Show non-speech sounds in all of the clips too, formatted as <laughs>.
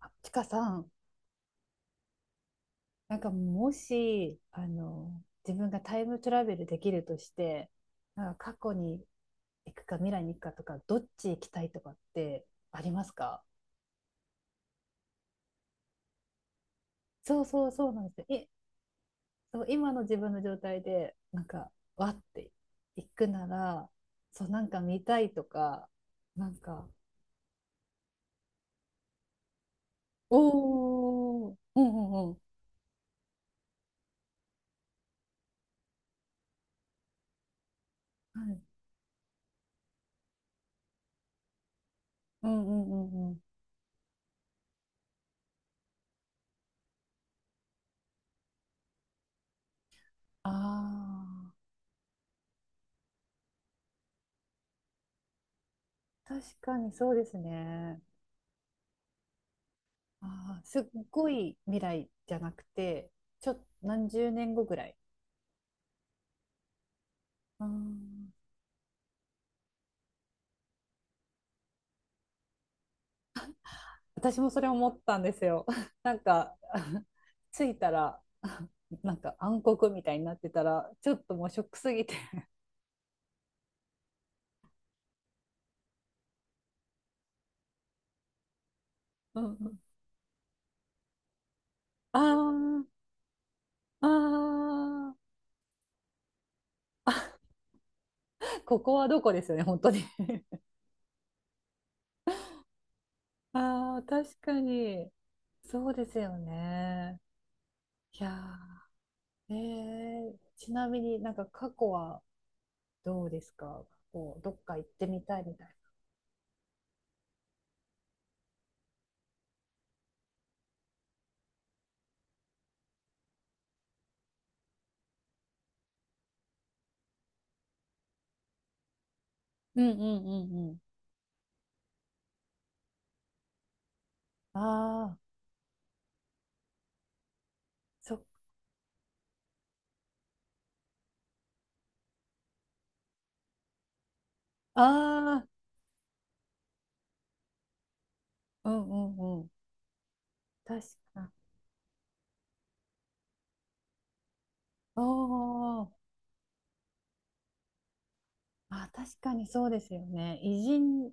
あちかさん、なんかもし、自分がタイムトラベルできるとして、なんか過去に行くか未来に行くかとか、どっち行きたいとかってありますか？そうそうそう、なんですよ。そう、今の自分の状態で、なんか、わって行くなら、そう、なんか見たいとか、なんか、おー、うんうんうん、はい、うんうんうんうん。ああ、確かにそうですね。ああ、すっごい未来じゃなくて、ちょっ、何十年後ぐらい。あー、私もそれ思ったんですよ。<laughs> なんか、<laughs> 着いたら、<laughs> なんか暗黒みたいになってたら、ちょっともうショックすぎて <laughs> うんうん <laughs> ああ、ああ、ここはどこですよね、本当に <laughs> ああ、確かに。そうですよね。いやー、ちなみになんか過去はどうですか？過去、どっか行ってみたいみたい？うんうんうんうん。ああ、そっああー、うんうんうん。確か。おお、あ、確かにそうですよね。偉人、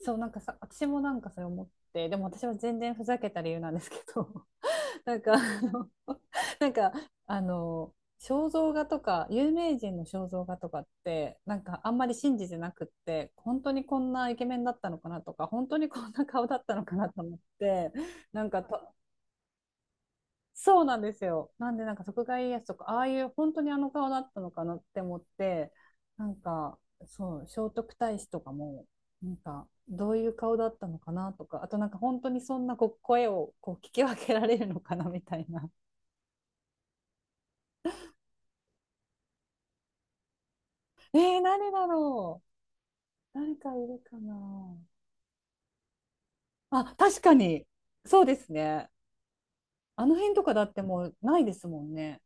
そう、なんかさ、私もなんかそれ思って、でも私は全然ふざけた理由なんですけど、<laughs> なんか、<laughs> なんか、あの、肖像画とか、有名人の肖像画とかって、なんかあんまり信じてなくって、本当にこんなイケメンだったのかなとか、本当にこんな顔だったのかなと思って、なんかと、そうなんですよ。なんで、なんか、徳川家康とか、ああいう本当にあの顔だったのかなって思って、なんか、そう、聖徳太子とかも、なんか、どういう顔だったのかなとか、あとなんか、本当にそんなこう声をこう聞き分けられるのかなみたいな。<laughs> 誰だろう？誰かいるかな？あ、確かに、そうですね。あの辺とかだってもうないですもんね。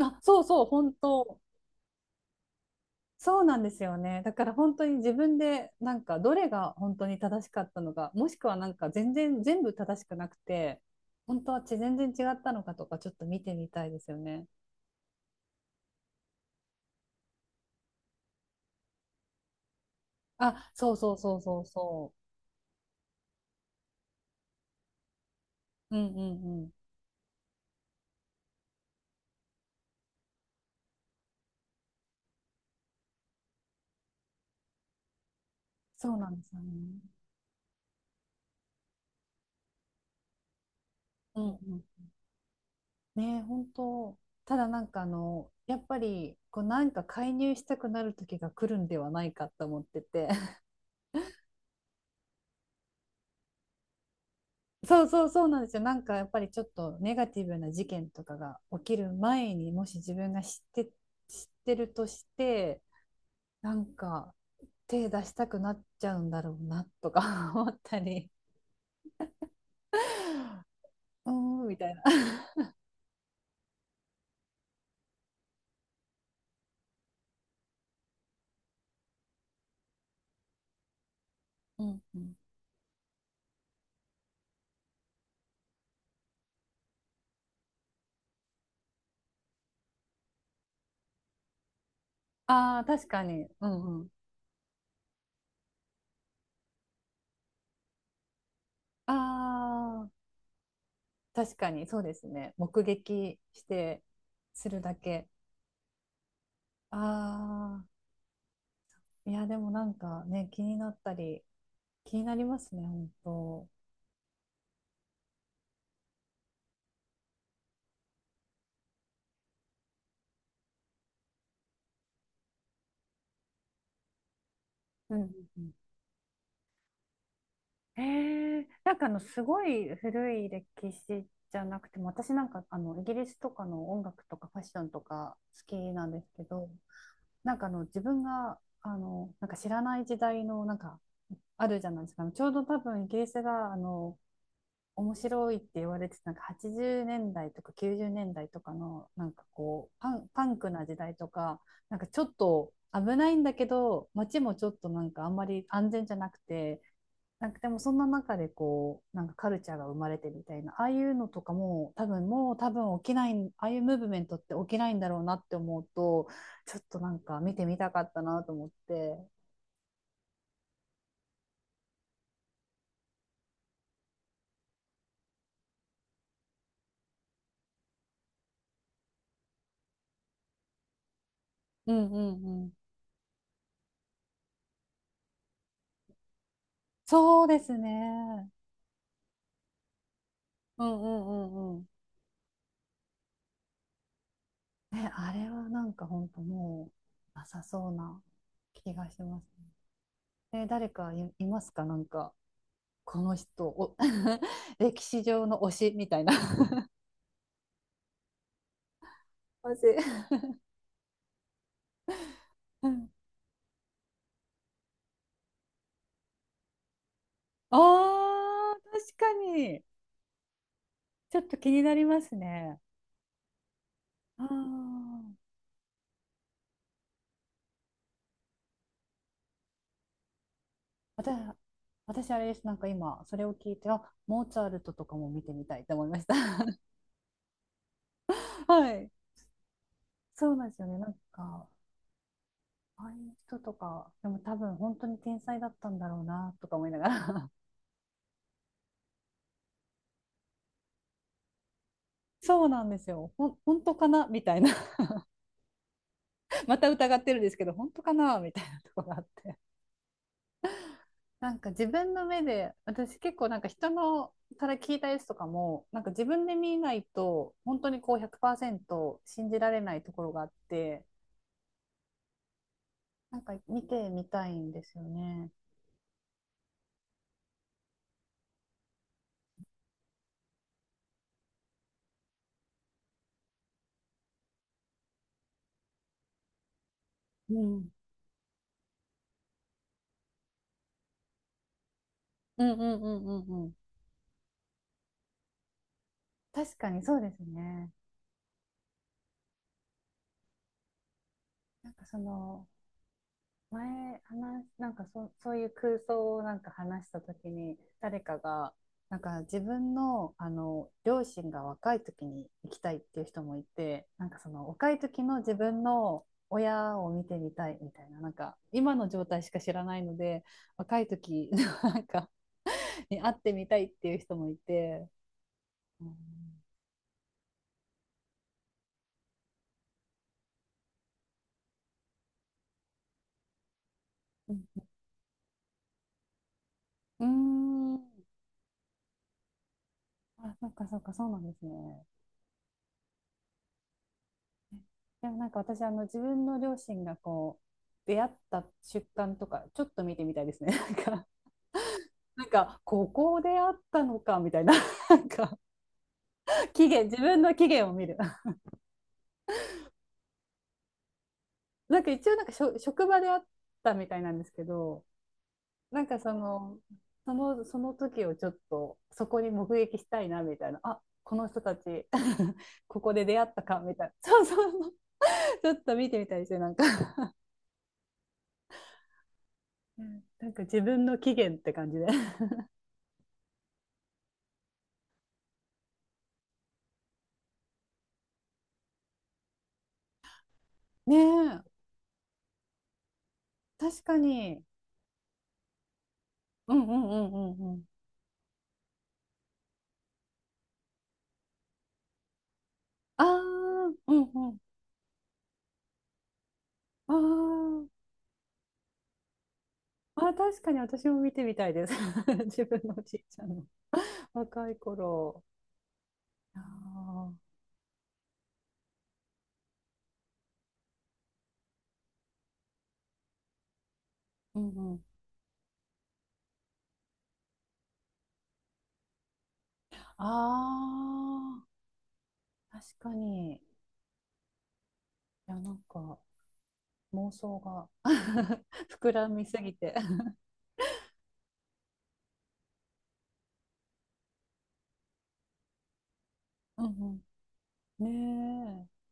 あ、そうそう、本当。そうなんですよね。だから本当に自分でなんかどれが本当に正しかったのか、もしくはなんか全然全部正しくなくて、本当は全然違ったのかとかちょっと見てみたいですよね。あ、そうそうそうそうそう。うんうんうん。そうなんですよね。うんうん。ねえ、本当。ただなんかやっぱりこうなんか介入したくなる時が来るんではないかと思ってて。そうそうそうなんですよ。なんかやっぱりちょっとネガティブな事件とかが起きる前にもし自分が知って、知ってるとして、なんか手出したくなっちゃうんだろうなとか <laughs> 思ったりうーんみたいな。うんうん、ああ確かに。うんうん、ああ確かにそうですね。目撃してするだけ。ああ、いやでもなんかね気になったり気になりますね本当。うんうんうん。なんかすごい古い歴史じゃなくても、私なんかイギリスとかの音楽とかファッションとか好きなんですけど、なんか自分がなんか知らない時代のなんかあるじゃないですか、ちょうど多分イギリスが面白いって言われてたなんか80年代とか90年代とかのなんかこうパンクな時代とか、なんかちょっと危ないんだけど街もちょっとなんかあんまり安全じゃなくて。なんかでもそんな中でこうなんかカルチャーが生まれてみたいな、ああいうのとかも多分もう多分起きない、ああいうムーブメントって起きないんだろうなって思うと、ちょっとなんか見てみたかったなと思って。うんうんうん。そうですね、うんうんうんうん。ね、あれはなんか本当もうなさそうな気がしますね。え、誰かいますか、なんかこの人お <laughs> 歴史上の推しみたいな。マジ。ああ、確かに。ちょっと気になりますね。ああ、私、私あれです。なんか今、それを聞いて、あ、モーツァルトとかも見てみたいと思いました。<laughs> はい。そうなんですよね。なんか、ああいう人とか、でも多分本当に天才だったんだろうな、とか思いながら。<laughs> そうなんですよ。本当かなみたいな。<laughs> また疑ってるんですけど、本当かなみたいなとこがあって。なんか自分の目で、私結構なんか人のから聞いたやつとかも、なんか自分で見ないと、本当にこう100%信じられないところがあって、なんか見てみたいんですよね。うん。うんうんうんうんうん。確かにそうですね。なんかその、なんかそういう空想をなんか話したときに、誰かが、なんか自分の、両親が若い時に行きたいっていう人もいて、なんかその若い時の自分の親を見てみたいみたいな、なんか今の状態しか知らないので、若い時なんかに会ってみたいっていう人もいて、うん、うん、ん、あ、そっかそっか、そうなんですね。でもなんか私、自分の両親がこう、出会った瞬間とか、ちょっと見てみたいですね。<laughs> なんか、なんか、ここで会ったのか、みたいな。<laughs> なんか、期限、自分の期限を見る。<laughs> なんか一応、なんか職場で会ったみたいなんですけど、なんかその、時をちょっと、そこに目撃したいな、みたいな。あ、この人たち <laughs>、ここで出会ったか、みたいな。<laughs> そうそうそう <laughs>。ちょっと見てみたいですね、なんか <laughs>。なんか自分の期限って感じで。ねえ、確かに。うんうんうんうんうん。ああ、うんうん。あ、ああー、確かに私も見てみたいです。<laughs> 自分のおじいちゃんの若い頃。ああ、うんうん。ああ、確かに。いや、なんか妄想が <laughs> 膨らみすぎて。うんうん。ねえ。